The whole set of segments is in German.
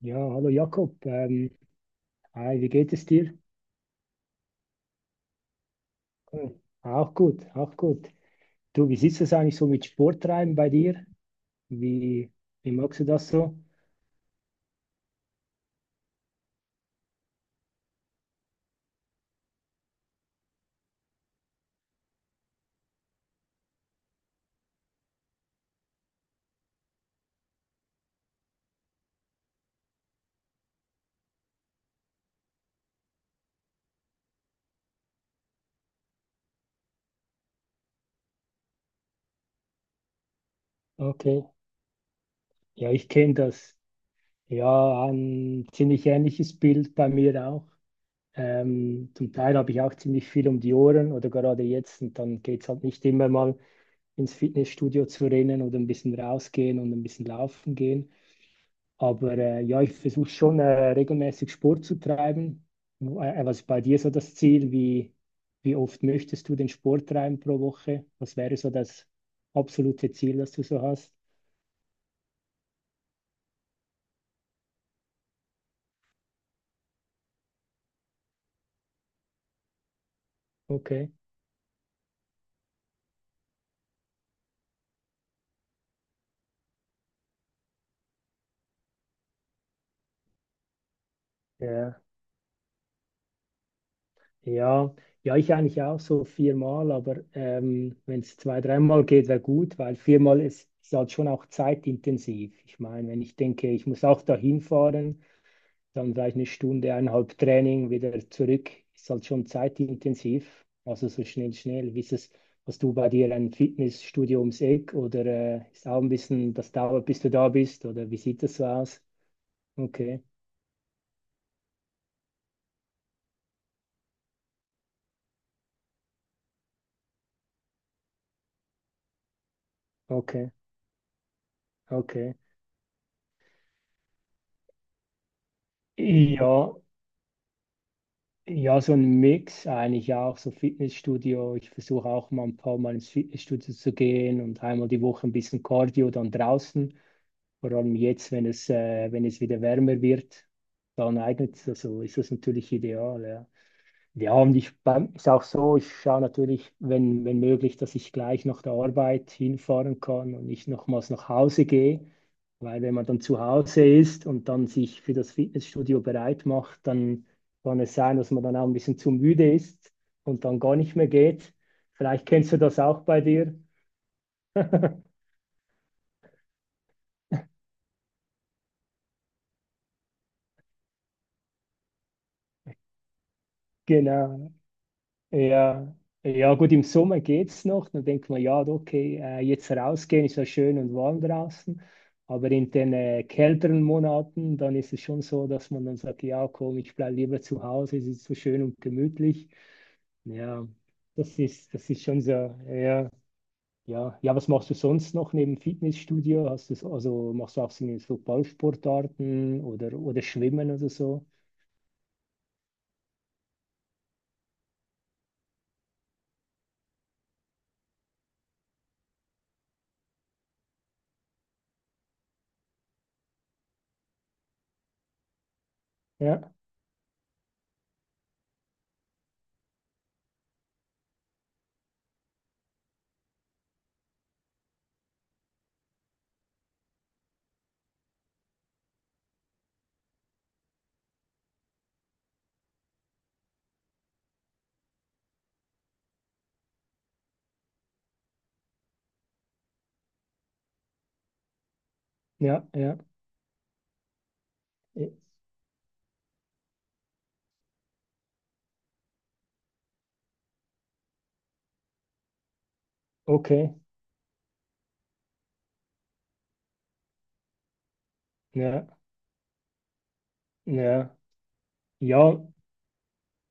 Ja, hallo Jakob. Hi, wie geht es dir? Hm, auch gut, auch gut. Du, wie sieht es eigentlich so mit Sporttreiben bei dir? Wie, Wie magst du das so? Okay. Ja, ich kenne das. Ja, ein ziemlich ähnliches Bild bei mir auch. Zum Teil habe ich auch ziemlich viel um die Ohren oder gerade jetzt und dann geht es halt nicht immer mal ins Fitnessstudio zu rennen oder ein bisschen rausgehen und ein bisschen laufen gehen. Aber ja, ich versuche schon regelmäßig Sport zu treiben. Was ist bei dir so das Ziel? Wie oft möchtest du den Sport treiben pro Woche? Was wäre so das absolute Ziel, das du so hast? Okay. Ja, ja, ja, ich eigentlich auch so viermal, aber wenn es zwei, dreimal geht, wäre gut, weil viermal ist halt schon auch zeitintensiv. Ich meine, wenn ich denke, ich muss auch dahin fahren. Dann vielleicht eine Stunde, eineinhalb Training wieder zurück. Ist halt schon zeitintensiv. Also so schnell, schnell. Wie ist es, hast du bei dir ein Fitnessstudio ums Eck oder ist auch ein bisschen, das dauert, bis du da bist? Oder wie sieht das so aus? Okay, okay, okay. Ja, ja, so ein Mix eigentlich auch, so Fitnessstudio. Ich versuche auch mal ein paar Mal ins Fitnessstudio zu gehen und einmal die Woche ein bisschen Cardio dann draußen. Vor allem jetzt, wenn es, wenn es wieder wärmer wird, dann eignet es, also ist das natürlich ideal, ja. Ja, und ich ist auch so, ich schaue natürlich, wenn, wenn möglich, dass ich gleich nach der Arbeit hinfahren kann und nicht nochmals nach Hause gehe. Weil wenn man dann zu Hause ist und dann sich für das Fitnessstudio bereit macht, dann kann es sein, dass man dann auch ein bisschen zu müde ist und dann gar nicht mehr geht. Vielleicht kennst du das auch bei dir. Genau, ja, ja gut, im Sommer geht's noch. Dann denkt man, ja, okay, jetzt rausgehen ist ja schön und warm draußen. Aber in den kälteren Monaten, dann ist es schon so, dass man dann sagt, ja, komm, ich bleibe lieber zu Hause, es ist so schön und gemütlich. Ja, das ist schon so, ja, ja. Ja, was machst du sonst noch neben Fitnessstudio? Hast du, also machst du auch so so Ballsportarten oder Schwimmen oder so? Ja, ja, ja. Äh, okay, ja. Ja, ja,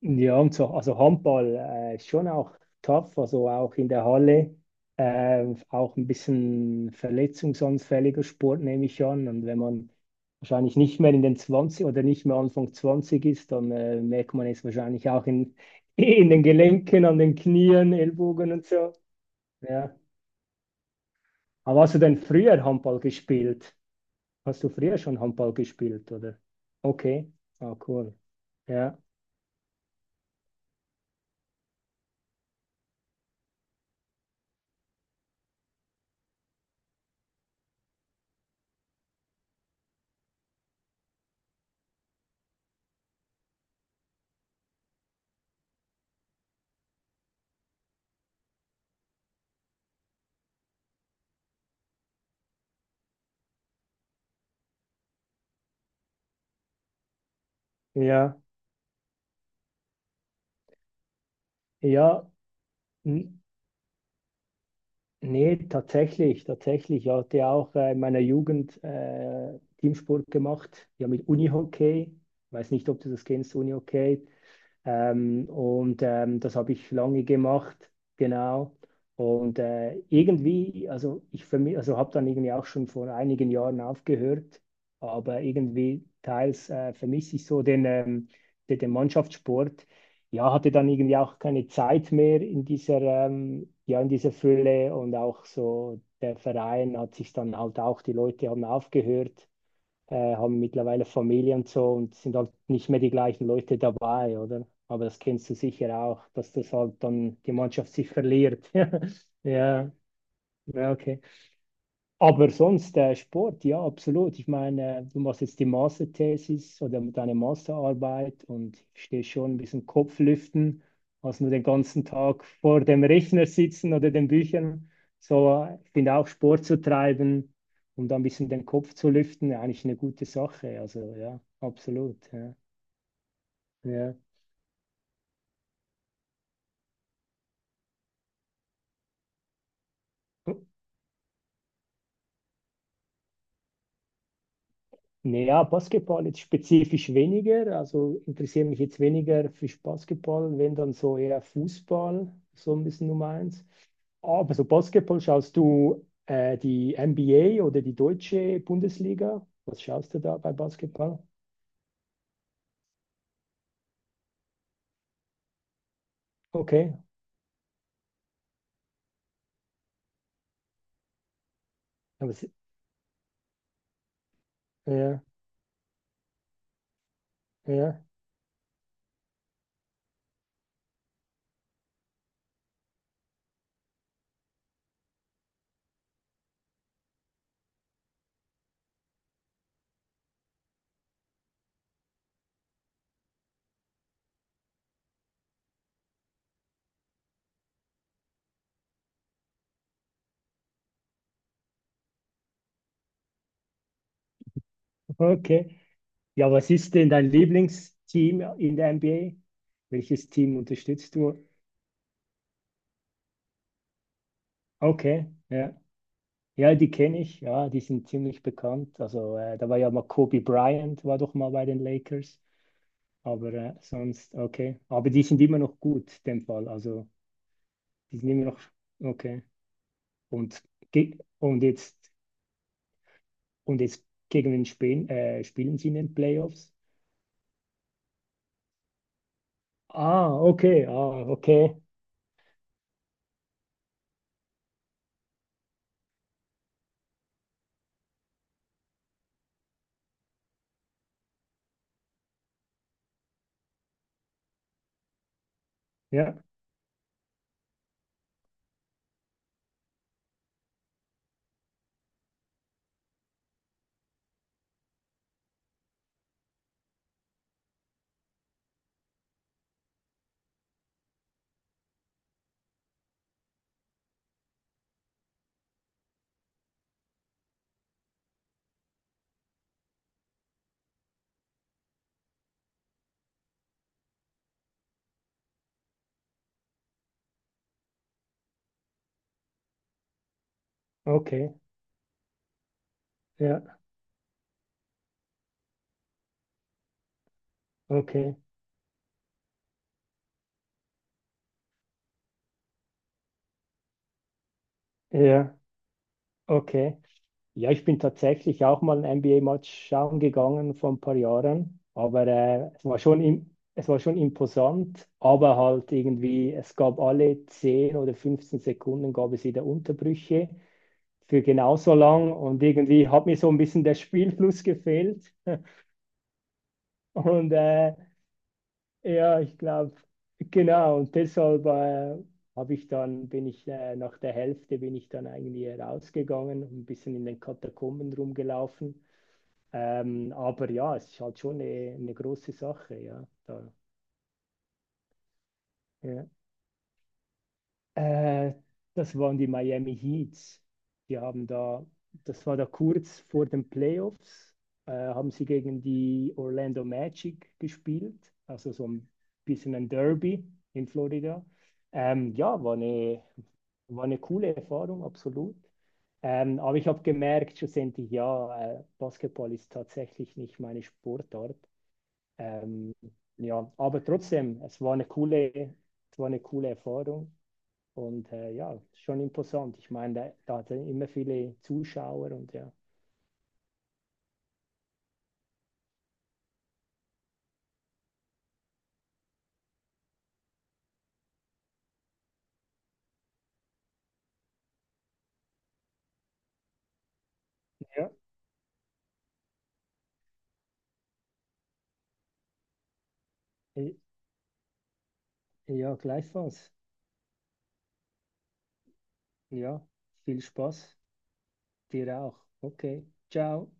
ja, und so, also Handball ist schon auch tough, also auch in der Halle, auch ein bisschen verletzungsanfälliger Sport, nehme ich an. Und wenn man wahrscheinlich nicht mehr in den 20 oder nicht mehr Anfang 20 ist, dann merkt man es wahrscheinlich auch in, in den Gelenken, an den Knien, Ellbogen und so. Ja. Aber hast du denn früher Handball gespielt? Hast du früher schon Handball gespielt, oder? Okay, ah, cool. Ja, ja, ja. Nee, tatsächlich, tatsächlich. Ich hatte auch in meiner Jugend Teamsport gemacht, ja mit Unihockey. Ich weiß nicht, ob du das kennst, Unihockey. Und das habe ich lange gemacht, genau. Und irgendwie, also ich für mich, also habe dann irgendwie auch schon vor einigen Jahren aufgehört, aber irgendwie teils vermisse ich so den, den, den Mannschaftssport. Ja, hatte dann irgendwie auch keine Zeit mehr in dieser, ja, in dieser Fülle und auch so der Verein hat sich dann halt auch, die Leute haben aufgehört haben mittlerweile Familie und so und sind halt nicht mehr die gleichen Leute dabei, oder? Aber das kennst du sicher auch, dass das halt dann die Mannschaft sich verliert. Ja, ja, okay. Aber sonst Sport, ja, absolut. Ich meine, du machst jetzt die Masterthesis oder deine Masterarbeit und ich verstehe schon ein bisschen Kopflüften, als nur den ganzen Tag vor dem Rechner sitzen oder den Büchern. So, ich finde auch Sport zu treiben, um da ein bisschen den Kopf zu lüften, eigentlich eine gute Sache. Also ja, absolut. Ja. Ja. Naja, Basketball jetzt spezifisch weniger. Also interessiere mich jetzt weniger für Basketball, wenn dann so eher Fußball, so ein bisschen Nummer eins. Aber so Basketball schaust du die NBA oder die deutsche Bundesliga? Was schaust du da bei Basketball? Okay. Ja, was, ja, ja, okay. Ja, was ist denn dein Lieblingsteam in der NBA? Welches Team unterstützt du? Okay, ja. Ja, die kenne ich, ja, die sind ziemlich bekannt. Also da war ja mal Kobe Bryant, war doch mal bei den Lakers, aber sonst, okay. Aber die sind immer noch gut, in dem Fall. Also die sind immer noch, okay. Und, ge- und jetzt, und jetzt gegen wen spielen, spielen sie in den Playoffs? Ah, okay, ah, okay. Ja, okay, ja, okay, ja, okay. Ja, ich bin tatsächlich auch mal ein NBA-Match schauen gegangen vor ein paar Jahren, aber es war schon im, es war schon imposant, aber halt irgendwie, es gab alle 10 oder 15 Sekunden gab es wieder Unterbrüche für genauso lang und irgendwie hat mir so ein bisschen der Spielfluss gefehlt. Und ja, ich glaube, genau und deshalb habe ich dann, bin ich nach der Hälfte bin ich dann eigentlich rausgegangen und ein bisschen in den Katakomben rumgelaufen. Aber ja, es ist halt schon eine große Sache, ja. Da, ja. Äh, das waren die Miami Heats. Die haben da, das war da kurz vor den Playoffs, haben sie gegen die Orlando Magic gespielt, also so ein bisschen ein Derby in Florida. Ja, war eine coole Erfahrung, absolut. Aber ich habe gemerkt, schlussendlich, ja, Basketball ist tatsächlich nicht meine Sportart. Ähm, ja, aber trotzdem, es war eine coole, es war eine coole Erfahrung und ja, schon imposant. Ich meine, da, da hatte immer viele Zuschauer und ja. Ja. Äh, ja, gleichfalls. Ja, viel Spaß. Dir auch. Okay, ciao.